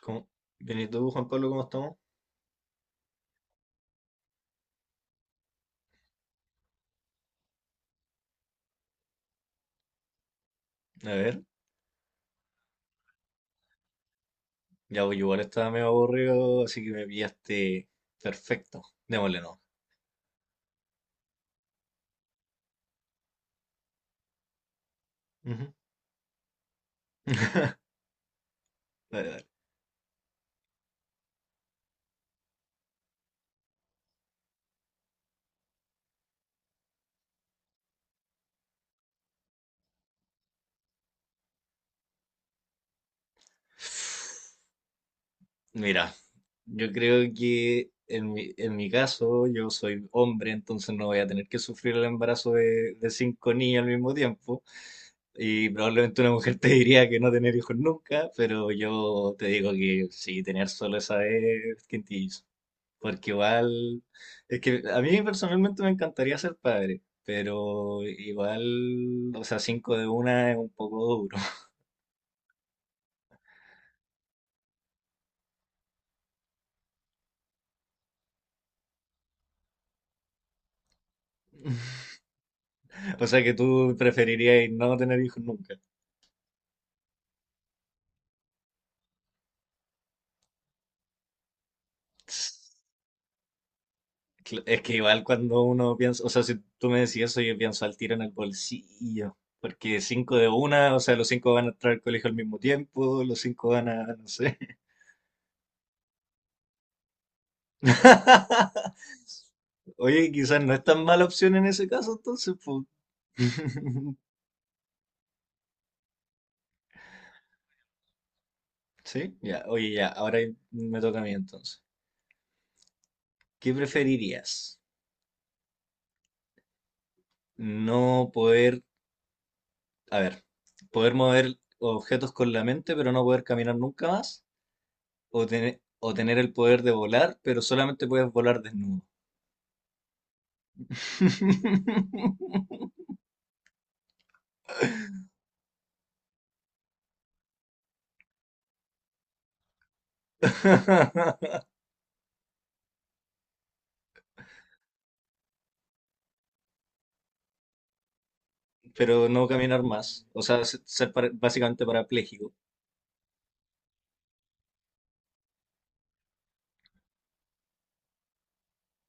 ¿Cómo? Bien, ¿y tú, Juan Pablo, cómo estamos? A ver, ya voy, igual estaba medio aburrido, así que me pillaste perfecto. Démosle no. Ujú. Dale, dale. Mira, yo creo que en mi caso, yo soy hombre, entonces no voy a tener que sufrir el embarazo de cinco niños al mismo tiempo. Y probablemente una mujer te diría que no tener hijos nunca, pero yo te digo que sí, tener solo esa vez, quintillo. Porque igual, es que a mí personalmente me encantaría ser padre, pero igual, o sea, cinco de una es un poco duro. O sea que tú preferirías no tener hijos nunca. Es que igual cuando uno piensa, o sea, si tú me decís eso, yo pienso al tiro en el bolsillo. Porque cinco de una, o sea, los cinco van a entrar al colegio al mismo tiempo, los cinco van a, no sé. Oye, quizás no es tan mala opción en ese caso, entonces, pues. Sí, ya, oye, ya, ahora me toca a mí entonces. ¿Qué preferirías? No poder, a ver, poder mover objetos con la mente, pero no poder caminar nunca más, o tener el poder de volar, pero solamente puedes volar desnudo. Pero no caminar más, o sea, ser básicamente parapléjico.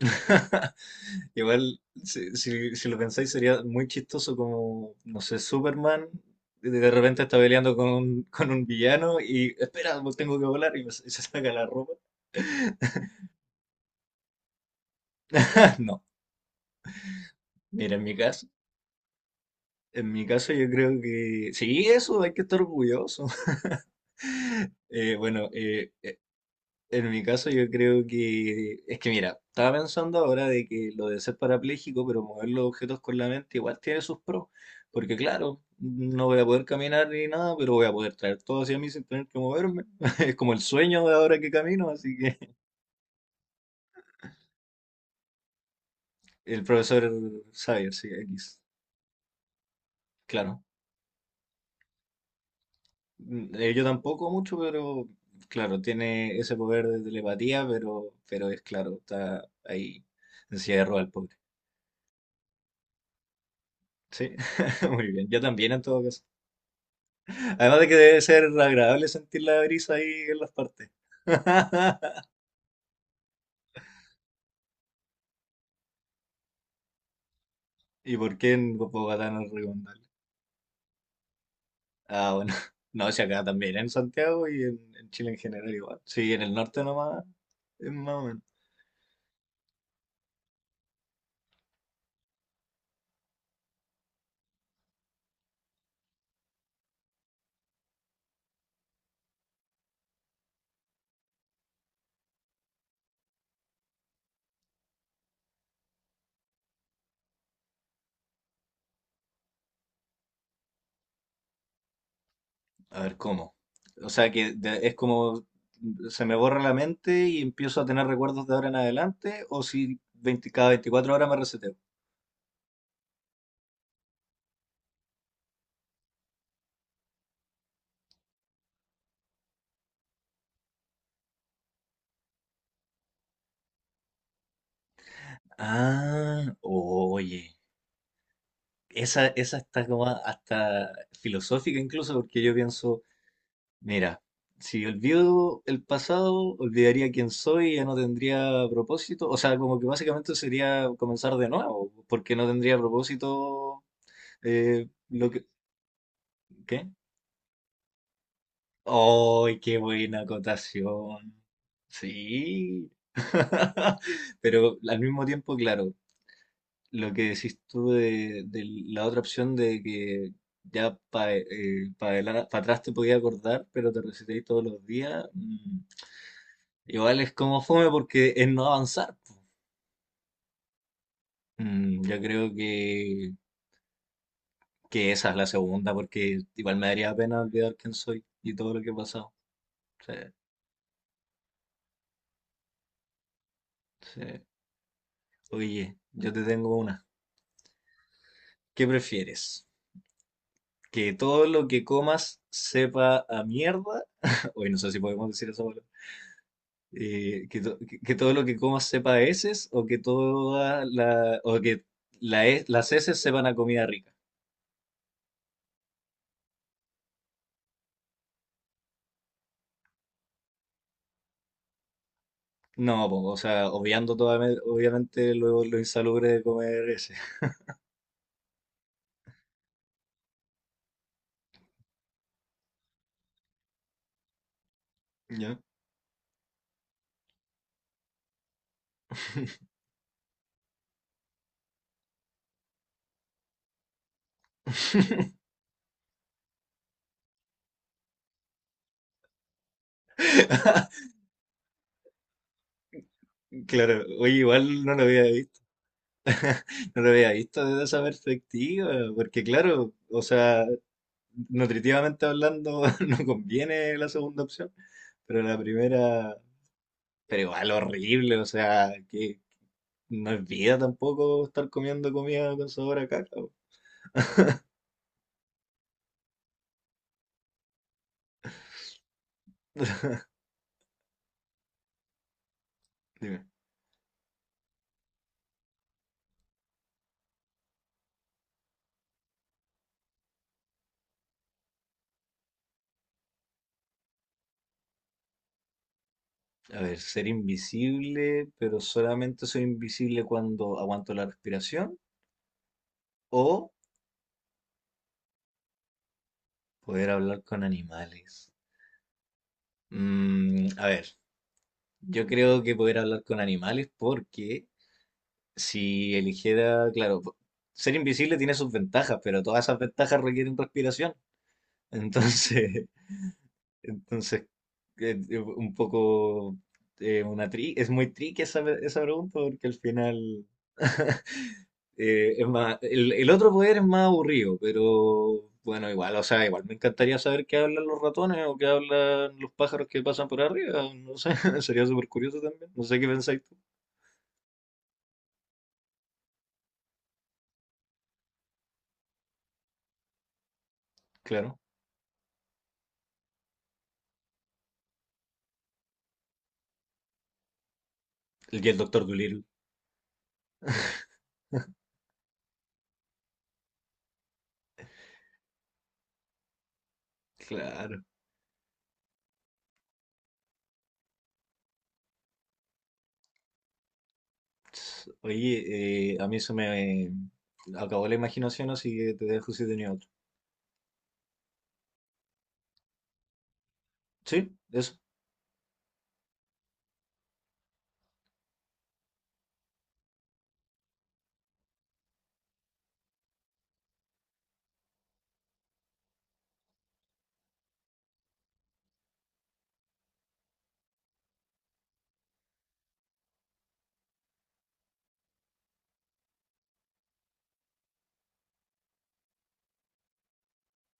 Igual, si lo pensáis, sería muy chistoso como, no sé, Superman de repente está peleando con un villano y espera, pues tengo que volar y se saca la ropa. No, mira, en mi caso yo creo que sí, eso hay que estar orgulloso. Eh, bueno, eh, En mi caso, yo creo que es que mira, estaba pensando ahora de que lo de ser parapléjico, pero mover los objetos con la mente igual tiene sus pros, porque claro, no voy a poder caminar ni nada, pero voy a poder traer todo hacia mí sin tener que moverme. Es como el sueño de ahora que camino, así que el profesor Xavier, sí, X, claro. Yo tampoco mucho, pero claro, tiene ese poder de telepatía, pero es claro, está ahí en silla de ruedas el pobre. Sí, muy bien. Yo también en todo caso. Además de que debe ser agradable sentir la brisa ahí en las partes. ¿Y por qué en Bogotá no es recomendable? Ah, bueno. No, si acá también, en Santiago y en Chile en general igual. Sí, en el norte nomás, es más o menos. A ver, ¿cómo? O sea que es como se me borra la mente y empiezo a tener recuerdos de ahora en adelante, o si veinte cada veinticuatro horas me reseteo. Ah, oye, esa está como hasta filosófica incluso, porque yo pienso, Mira, si olvido el pasado, olvidaría quién soy y ya no tendría propósito. O sea, como que básicamente sería comenzar de nuevo, porque no tendría propósito lo que... ¿Qué? ¡Ay, qué buena acotación! Sí. Pero al mismo tiempo, claro, lo que decís tú de la otra opción de que ya para atrás te podías acordar, pero te reseteáis todos los días. Igual es como fome porque es no avanzar, po. Yo creo que esa es la segunda, porque igual me daría pena olvidar quién soy y todo lo que he pasado. Sí, sí. Oye, yo te tengo una. ¿Qué prefieres? ¿Que todo lo que comas sepa a mierda? Hoy no sé si podemos decir eso palabra. Que todo lo que comas sepa a heces o que las heces sepan a comida rica. No, po, o sea, obviamente lo insalubre de comer ese. ¿Ya? Claro, oye, igual no lo había visto, no lo había visto desde esa perspectiva, porque claro, o sea, nutritivamente hablando no conviene la segunda opción, pero la primera, pero igual horrible, o sea, que no es vida tampoco estar comiendo comida con sabor a caca, po. A ver, ser invisible, pero solamente soy invisible cuando aguanto la respiración o poder hablar con animales. A ver, yo creo que poder hablar con animales porque si eligiera, claro, ser invisible tiene sus ventajas, pero todas esas ventajas requieren respiración. Entonces, entonces un poco una tri es muy tricky esa pregunta porque al final es más, el otro poder es más aburrido, pero bueno, igual, o sea, igual me encantaría saber qué hablan los ratones o qué hablan los pájaros que pasan por arriba. No sé, sería súper curioso también. No sé qué pensáis tú. Claro. Y el doctor Dolittle. Claro. Oye, a mí se me acabó la imaginación, así que te dejo si tenía otro. ¿Sí? ¿Eso?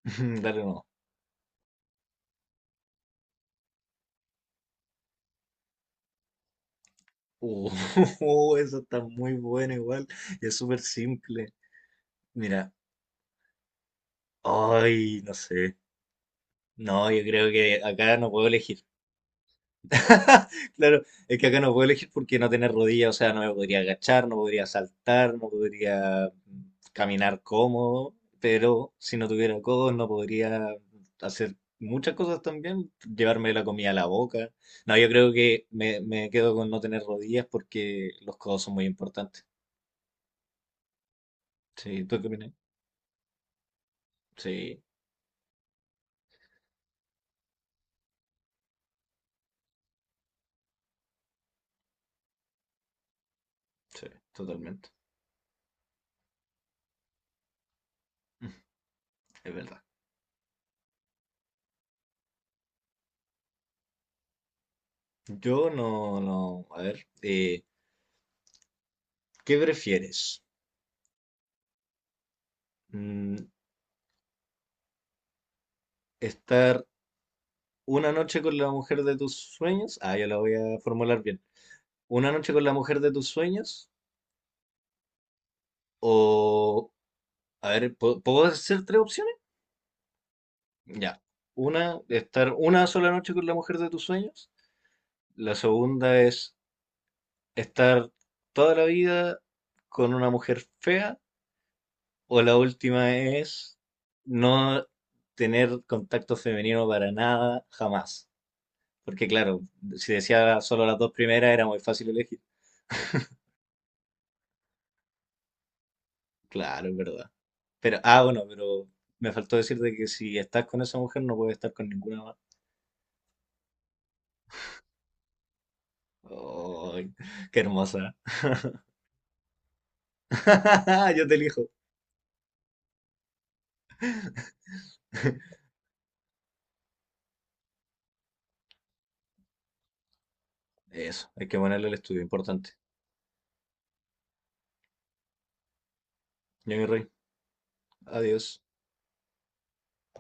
Dale, no. Uh, eso está muy bueno igual. Y es súper simple. Mira. Ay, no sé. No, yo creo que acá no puedo elegir. Claro, es que acá no puedo elegir porque no tener rodillas, o sea, no me podría agachar, no podría saltar, no podría mm, caminar cómodo, pero si no tuviera codos no podría hacer muchas cosas también, llevarme la comida a la boca. No, yo creo que me quedo con no tener rodillas porque los codos son muy importantes. Sí, ¿tú qué opinas? Sí, sí, totalmente. Es verdad. Yo no, no, a ver, ¿qué prefieres? Mm, estar una noche con la mujer de tus sueños. Ah, ya la voy a formular bien. Una noche con la mujer de tus sueños. O, a ver, ¿puedo hacer tres opciones? Ya. Una, estar una sola noche con la mujer de tus sueños. La segunda es estar toda la vida con una mujer fea. O la última es no tener contacto femenino para nada, jamás. Porque claro, si decía solo las dos primeras era muy fácil elegir. Claro, es verdad. Pero, ah, bueno, pero me faltó decirte que si estás con esa mujer no puedes estar con ninguna más. ¡Ay, qué hermosa! Yo te elijo. Eso, hay que ponerle el estudio, importante. Johnny Rey, adiós.